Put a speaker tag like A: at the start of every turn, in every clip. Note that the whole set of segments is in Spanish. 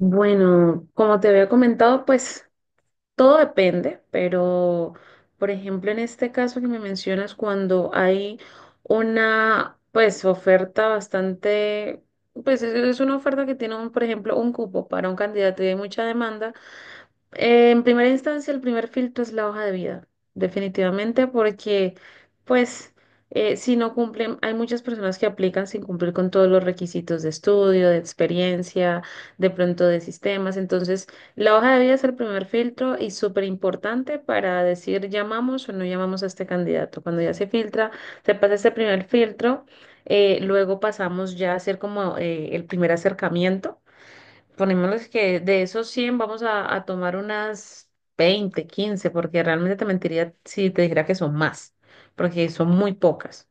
A: Bueno, como te había comentado, pues todo depende, pero por ejemplo, en este caso que me mencionas, cuando hay una pues oferta bastante, pues es una oferta que tiene un, por ejemplo, un cupo para un candidato y hay mucha demanda, en primera instancia, el primer filtro es la hoja de vida, definitivamente, porque pues si no cumplen, hay muchas personas que aplican sin cumplir con todos los requisitos de estudio, de experiencia, de pronto de sistemas. Entonces, la hoja de vida es el primer filtro y súper importante para decir llamamos o no llamamos a este candidato. Cuando ya se filtra, se pasa este primer filtro, luego pasamos ya a hacer como el primer acercamiento. Ponémosles que de esos 100 vamos a tomar unas 20 15 porque realmente te mentiría si te dijera que son más, porque son muy pocas.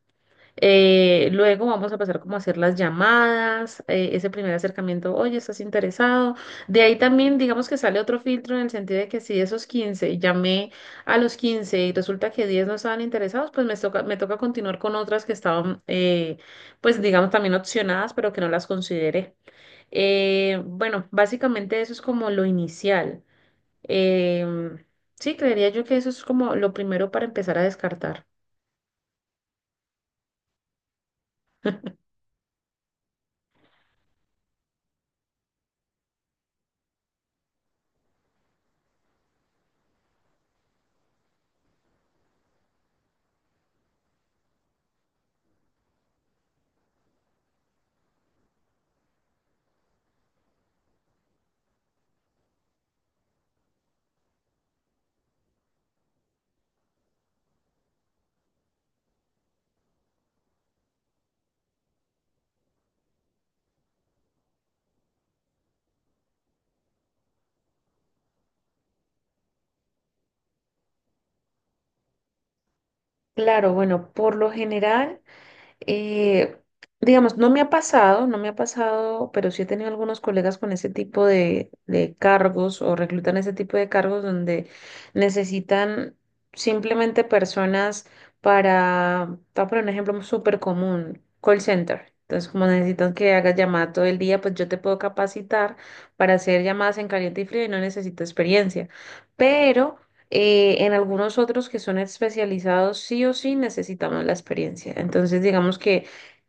A: Luego vamos a pasar como a hacer las llamadas, ese primer acercamiento, oye, ¿estás interesado? De ahí también digamos que sale otro filtro en el sentido de que si de esos 15 llamé a los 15 y resulta que 10 no estaban interesados, pues me toca continuar con otras que estaban, pues digamos también opcionadas, pero que no las consideré. Bueno, básicamente eso es como lo inicial. Em, sí, creería yo que eso es como lo primero para empezar a descartar. Claro, bueno, por lo general. Eh, digamos, no me ha pasado, no me ha pasado, pero sí he tenido algunos colegas con ese tipo de cargos o reclutan ese tipo de cargos donde necesitan simplemente personas para, te voy a poner un ejemplo súper común, call center. Entonces, como necesitan que hagas llamadas todo el día, pues yo te puedo capacitar para hacer llamadas en caliente y frío y no necesito experiencia. Pero en algunos otros que son especializados, sí o sí necesitamos la experiencia. Entonces, digamos que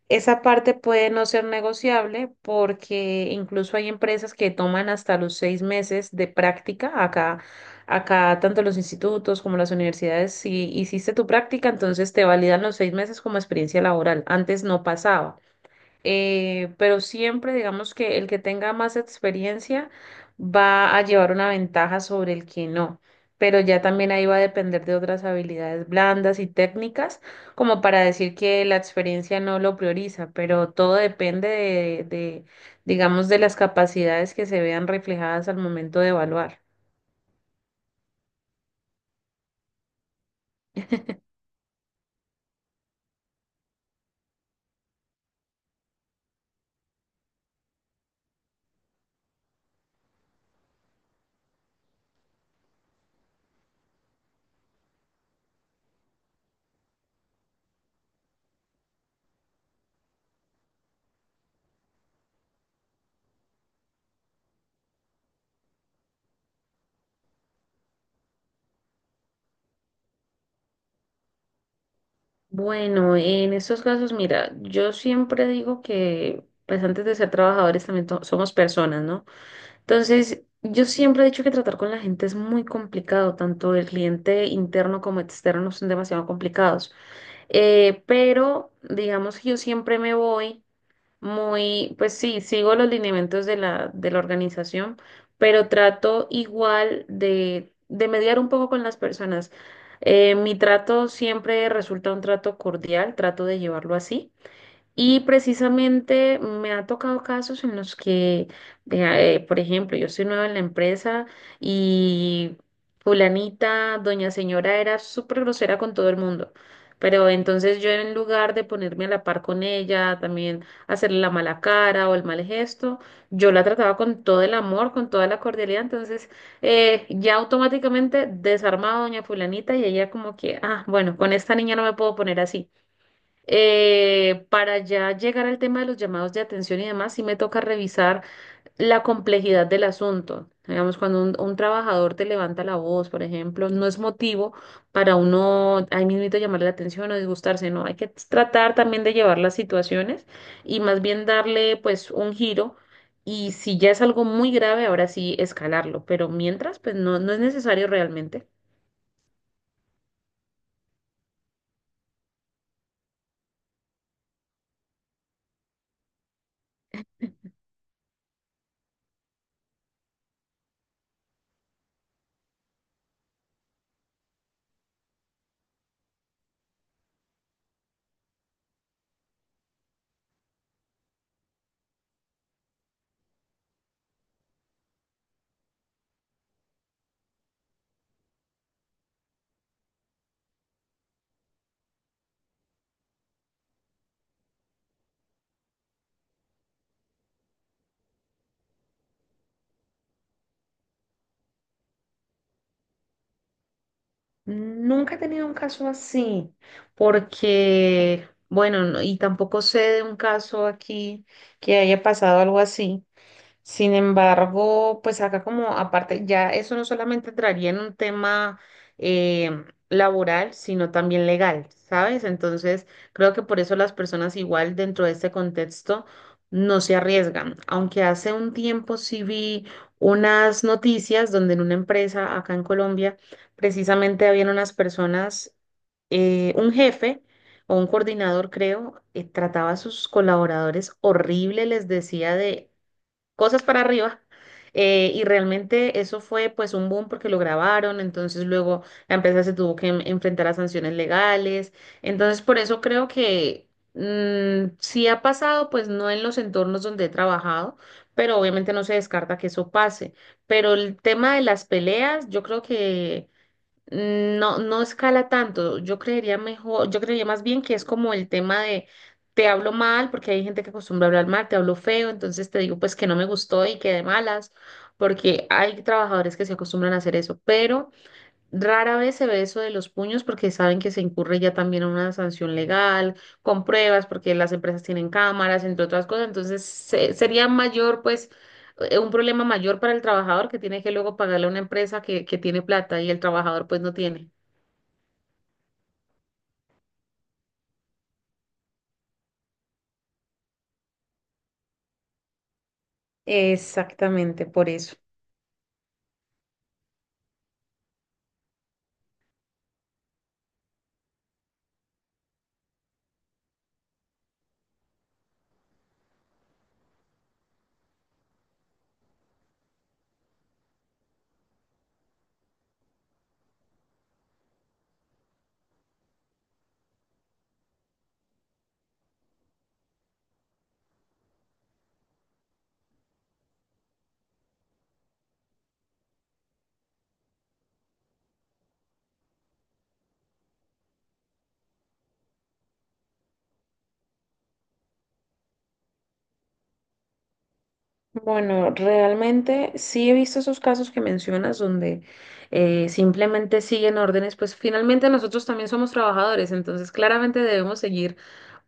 A: esa parte puede no ser negociable porque incluso hay empresas que toman hasta los 6 meses de práctica. Acá, acá tanto los institutos como las universidades, si hiciste tu práctica, entonces te validan los 6 meses como experiencia laboral. Antes no pasaba, pero siempre digamos que el que tenga más experiencia va a llevar una ventaja sobre el que no. Pero ya también ahí va a depender de otras habilidades blandas y técnicas, como para decir que la experiencia no lo prioriza, pero todo depende de, digamos, de las capacidades que se vean reflejadas al momento de evaluar. Bueno, en estos casos, mira, yo siempre digo que, pues antes de ser trabajadores también somos personas, ¿no? Entonces, yo siempre he dicho que tratar con la gente es muy complicado, tanto el cliente interno como externo son demasiado complicados. Pero, digamos que yo siempre me voy muy, pues sí, sigo los lineamientos de la organización, pero trato igual de mediar un poco con las personas. Mi trato siempre resulta un trato cordial, trato de llevarlo así. Y precisamente me ha tocado casos en los que, vea, por ejemplo, yo soy nueva en la empresa y fulanita, doña señora, era súper grosera con todo el mundo. Pero entonces yo en lugar de ponerme a la par con ella, también hacerle la mala cara o el mal gesto, yo la trataba con todo el amor, con toda la cordialidad. Entonces ya automáticamente desarmaba a doña fulanita y ella como que, ah, bueno, con esta niña no me puedo poner así. Para ya llegar al tema de los llamados de atención y demás, sí me toca revisar la complejidad del asunto. Digamos, cuando un trabajador te levanta la voz, por ejemplo, no es motivo para uno ahí mismito llamarle la atención o disgustarse, no, hay que tratar también de llevar las situaciones y más bien darle pues un giro y si ya es algo muy grave, ahora sí escalarlo, pero mientras pues no, no es necesario realmente. Nunca he tenido un caso así, porque, bueno, y tampoco sé de un caso aquí que haya pasado algo así. Sin embargo, pues acá como aparte, ya eso no solamente entraría en un tema laboral, sino también legal, ¿sabes? Entonces, creo que por eso las personas igual dentro de este contexto no se arriesgan. Aunque hace un tiempo sí vi unas noticias donde en una empresa acá en Colombia, precisamente habían unas personas, un jefe o un coordinador, creo, trataba a sus colaboradores horrible, les decía de cosas para arriba. Y realmente eso fue pues un boom porque lo grabaron, entonces luego la empresa se tuvo que enfrentar a sanciones legales. Entonces por eso creo que sí ha pasado, pues no en los entornos donde he trabajado, pero obviamente no se descarta que eso pase. Pero el tema de las peleas, yo creo que... No, no escala tanto. Yo creería mejor, yo creería más bien que es como el tema de te hablo mal, porque hay gente que acostumbra hablar mal, te hablo feo, entonces te digo pues que no me gustó y que de malas, porque hay trabajadores que se acostumbran a hacer eso, pero rara vez se ve eso de los puños porque saben que se incurre ya también a una sanción legal, con pruebas, porque las empresas tienen cámaras, entre otras cosas. Entonces, sería mayor, pues, un problema mayor para el trabajador que tiene que luego pagarle a una empresa que tiene plata y el trabajador, pues, no tiene. Exactamente, por eso. Bueno, realmente sí he visto esos casos que mencionas donde simplemente siguen órdenes, pues finalmente nosotros también somos trabajadores, entonces claramente debemos seguir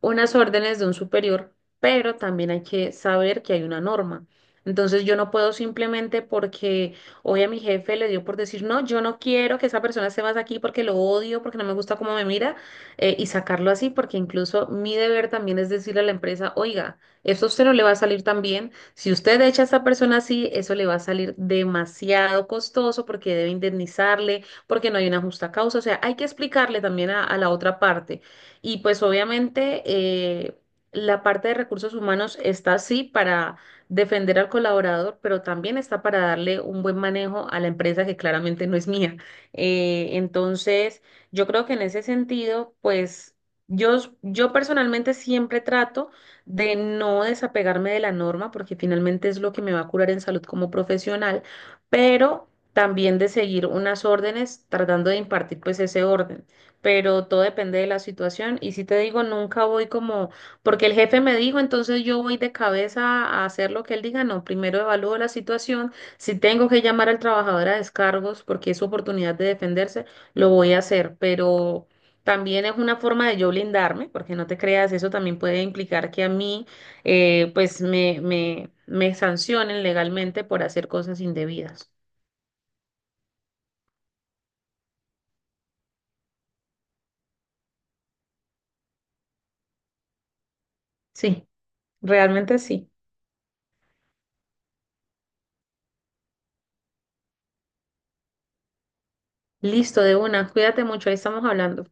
A: unas órdenes de un superior, pero también hay que saber que hay una norma. Entonces yo no puedo simplemente porque hoy a mi jefe le dio por decir, no, yo no quiero que esa persona esté más aquí porque lo odio, porque no me gusta cómo me mira, y sacarlo así, porque incluso mi deber también es decirle a la empresa, oiga, esto a usted no le va a salir tan bien si usted echa a esa persona así, eso le va a salir demasiado costoso porque debe indemnizarle, porque no hay una justa causa. O sea, hay que explicarle también a la otra parte. Y pues obviamente la parte de recursos humanos está así para defender al colaborador, pero también está para darle un buen manejo a la empresa que claramente no es mía. Entonces, yo creo que en ese sentido, pues yo personalmente siempre trato de no desapegarme de la norma, porque finalmente es lo que me va a curar en salud como profesional, pero también de seguir unas órdenes, tratando de impartir pues ese orden. Pero todo depende de la situación. Y si te digo, nunca voy como, porque el jefe me dijo, entonces yo voy de cabeza a hacer lo que él diga. No, primero evalúo la situación. Si tengo que llamar al trabajador a descargos porque es su oportunidad de defenderse, lo voy a hacer. Pero también es una forma de yo blindarme, porque no te creas, eso también puede implicar que a mí, pues, me sancionen legalmente por hacer cosas indebidas. Sí, realmente sí. Listo, de una. Cuídate mucho, ahí estamos hablando.